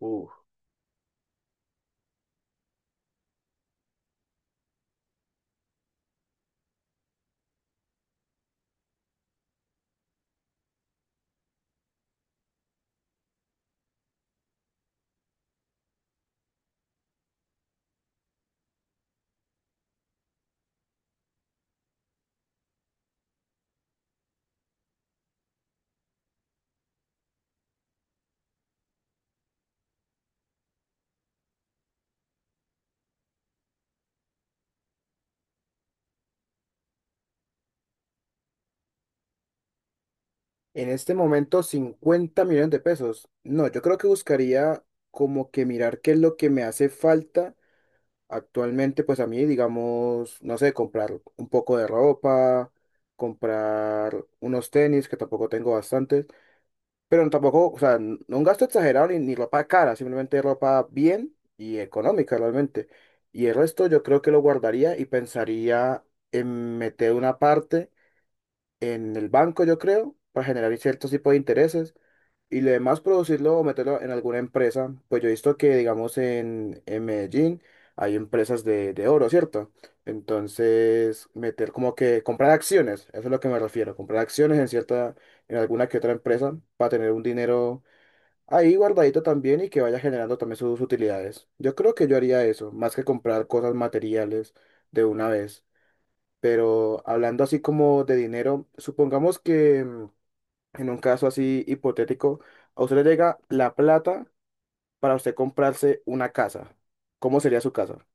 Uf. En este momento, 50 millones de pesos. No, yo creo que buscaría como que mirar qué es lo que me hace falta actualmente, pues a mí, digamos, no sé, comprar un poco de ropa, comprar unos tenis, que tampoco tengo bastantes, pero tampoco, o sea, no un gasto exagerado ni ropa cara, simplemente ropa bien y económica realmente. Y el resto yo creo que lo guardaría y pensaría en meter una parte en el banco, yo creo, para generar ciertos tipos de intereses y lo demás producirlo o meterlo en alguna empresa. Pues yo he visto que, digamos, en Medellín hay empresas de oro, ¿cierto? Entonces, meter como que comprar acciones, eso es lo que me refiero, comprar acciones en cierta, en alguna que otra empresa para tener un dinero ahí guardadito también y que vaya generando también sus utilidades. Yo creo que yo haría eso, más que comprar cosas materiales de una vez. Pero hablando así como de dinero, supongamos que en un caso así hipotético, a usted le llega la plata para usted comprarse una casa. ¿Cómo sería su casa?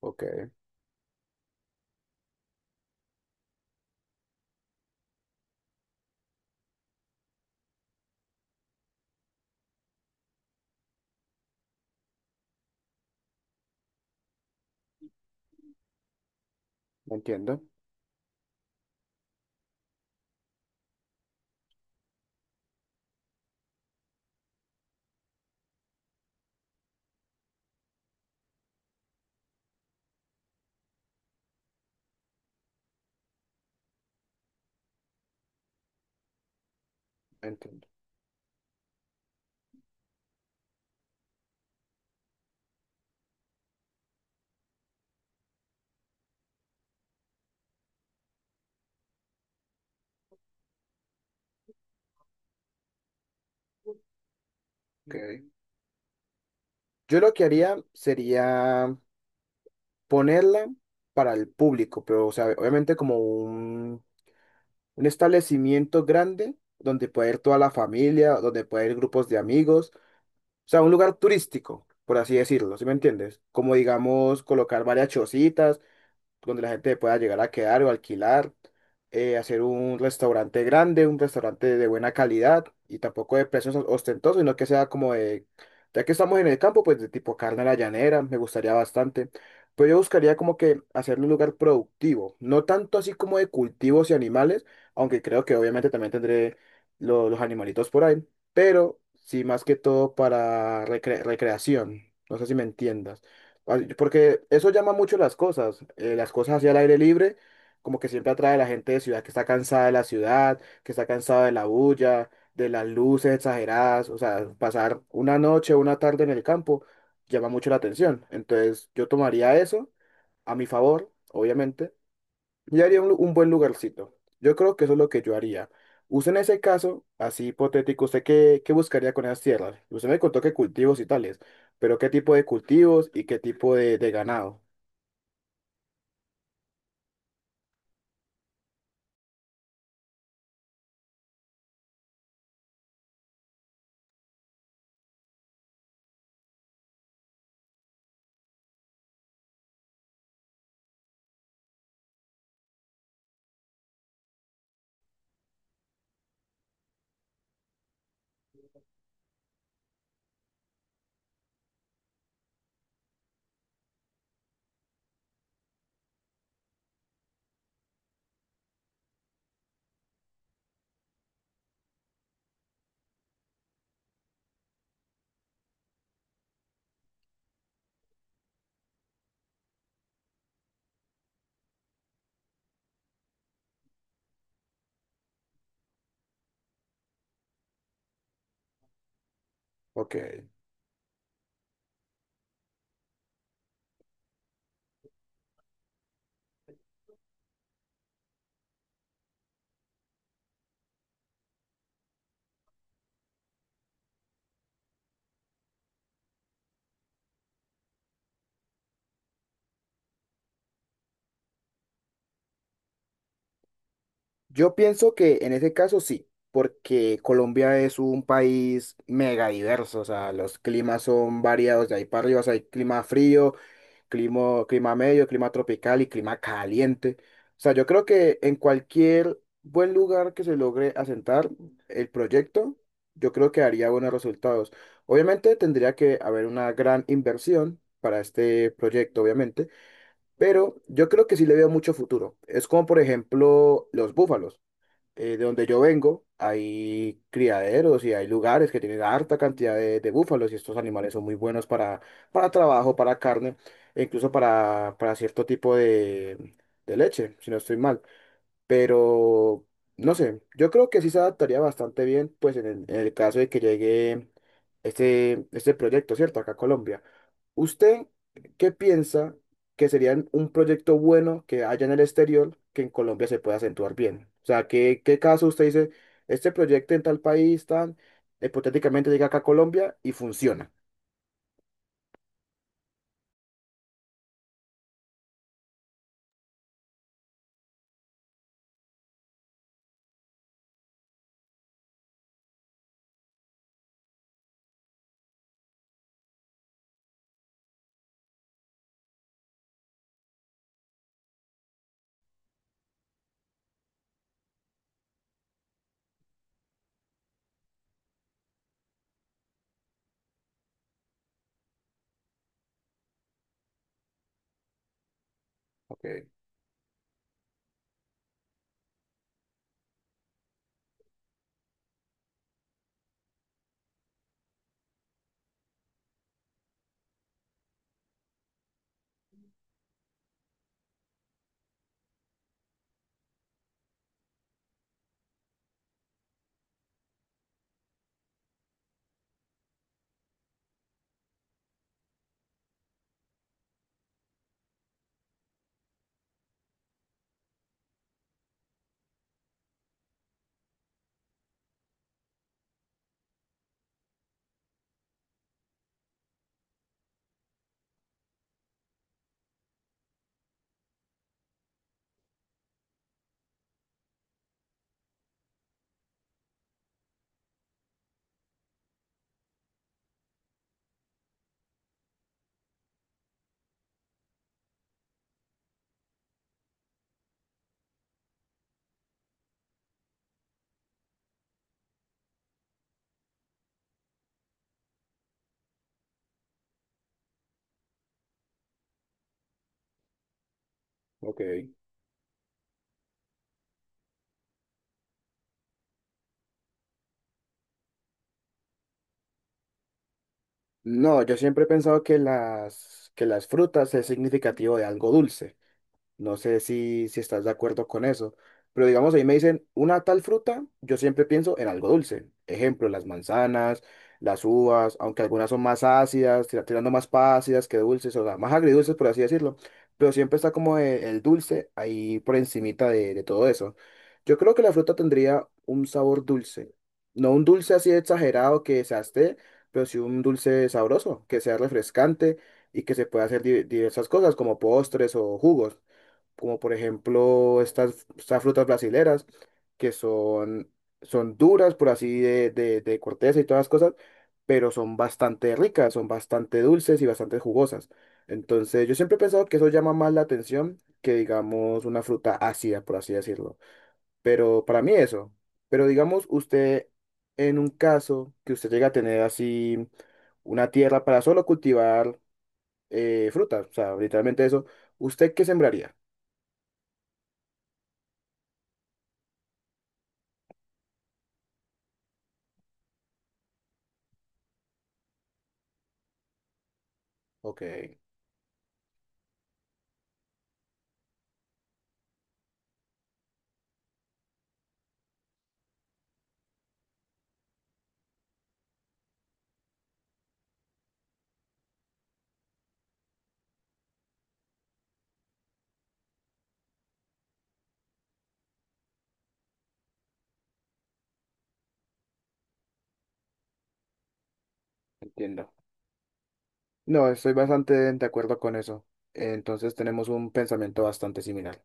Ok, entiendo, entiendo. Ok. Yo lo que haría sería ponerla para el público, pero o sea, obviamente como un establecimiento grande donde puede ir toda la familia, donde puede ir grupos de amigos. O sea, un lugar turístico, por así decirlo, ¿sí me entiendes? Como digamos, colocar varias chocitas donde la gente pueda llegar a quedar o alquilar, hacer un restaurante grande, un restaurante de buena calidad y tampoco de precios ostentosos, sino que sea como de, ya que estamos en el campo, pues de tipo carne a la llanera, me gustaría bastante. Pero yo buscaría como que hacerlo un lugar productivo, no tanto así como de cultivos y animales, aunque creo que obviamente también tendré los animalitos por ahí, pero sí más que todo para recreación. No sé si me entiendas. Ay, porque eso llama mucho las cosas hacia el aire libre, como que siempre atrae a la gente de ciudad que está cansada de la ciudad, que está cansada de la bulla, de las luces exageradas, o sea, pasar una noche o una tarde en el campo llama mucho la atención. Entonces yo tomaría eso a mi favor, obviamente yo haría un, un buen lugarcito. Yo creo que eso es lo que yo haría. Usted en ese caso, así hipotético, ¿usted qué, buscaría con esas tierras? Usted me contó que cultivos y tales, pero ¿qué tipo de cultivos y qué tipo de ganado? Ok. Yo pienso que en ese caso sí, porque Colombia es un país mega diverso, o sea, los climas son variados, de ahí para arriba, o sea, hay clima frío, clima, clima medio, clima tropical y clima caliente. O sea, yo creo que en cualquier buen lugar que se logre asentar el proyecto, yo creo que haría buenos resultados. Obviamente tendría que haber una gran inversión para este proyecto, obviamente, pero yo creo que sí le veo mucho futuro. Es como, por ejemplo, los búfalos, de donde yo vengo, hay criaderos y hay lugares que tienen harta cantidad de búfalos y estos animales son muy buenos para, trabajo, para carne e incluso para cierto tipo de leche, si no estoy mal. Pero, no sé, yo creo que sí se adaptaría bastante bien, pues en el, caso de que llegue este proyecto, ¿cierto? Acá a Colombia. ¿Usted qué piensa que sería un proyecto bueno que haya en el exterior que en Colombia se pueda acentuar bien? O sea, ¿qué, caso usted dice, este proyecto en tal país, tan, hipotéticamente llega acá a Colombia y funciona? Ok, ok. No, yo siempre he pensado que las, frutas es significativo de algo dulce. No sé si estás de acuerdo con eso, pero digamos, ahí me dicen una tal fruta, yo siempre pienso en algo dulce. Ejemplo, las manzanas, las uvas, aunque algunas son más ácidas, tirando más para ácidas que dulces, o sea, más agridulces, por así decirlo, pero siempre está como el dulce ahí por encimita de todo eso. Yo creo que la fruta tendría un sabor dulce, no un dulce así exagerado que se esté, pero sí un dulce sabroso, que sea refrescante y que se pueda hacer diversas cosas como postres o jugos como por ejemplo estas, frutas brasileras, que son, son duras, por así, de corteza y todas las cosas, pero son bastante ricas, son bastante dulces y bastante jugosas. Entonces, yo siempre he pensado que eso llama más la atención que, digamos, una fruta ácida, por así decirlo. Pero para mí eso. Pero digamos, usted, en un caso que usted llega a tener así una tierra para solo cultivar frutas, o sea, literalmente eso, ¿usted qué sembraría? Ok. Entiendo. No, estoy bastante de acuerdo con eso. Entonces tenemos un pensamiento bastante similar.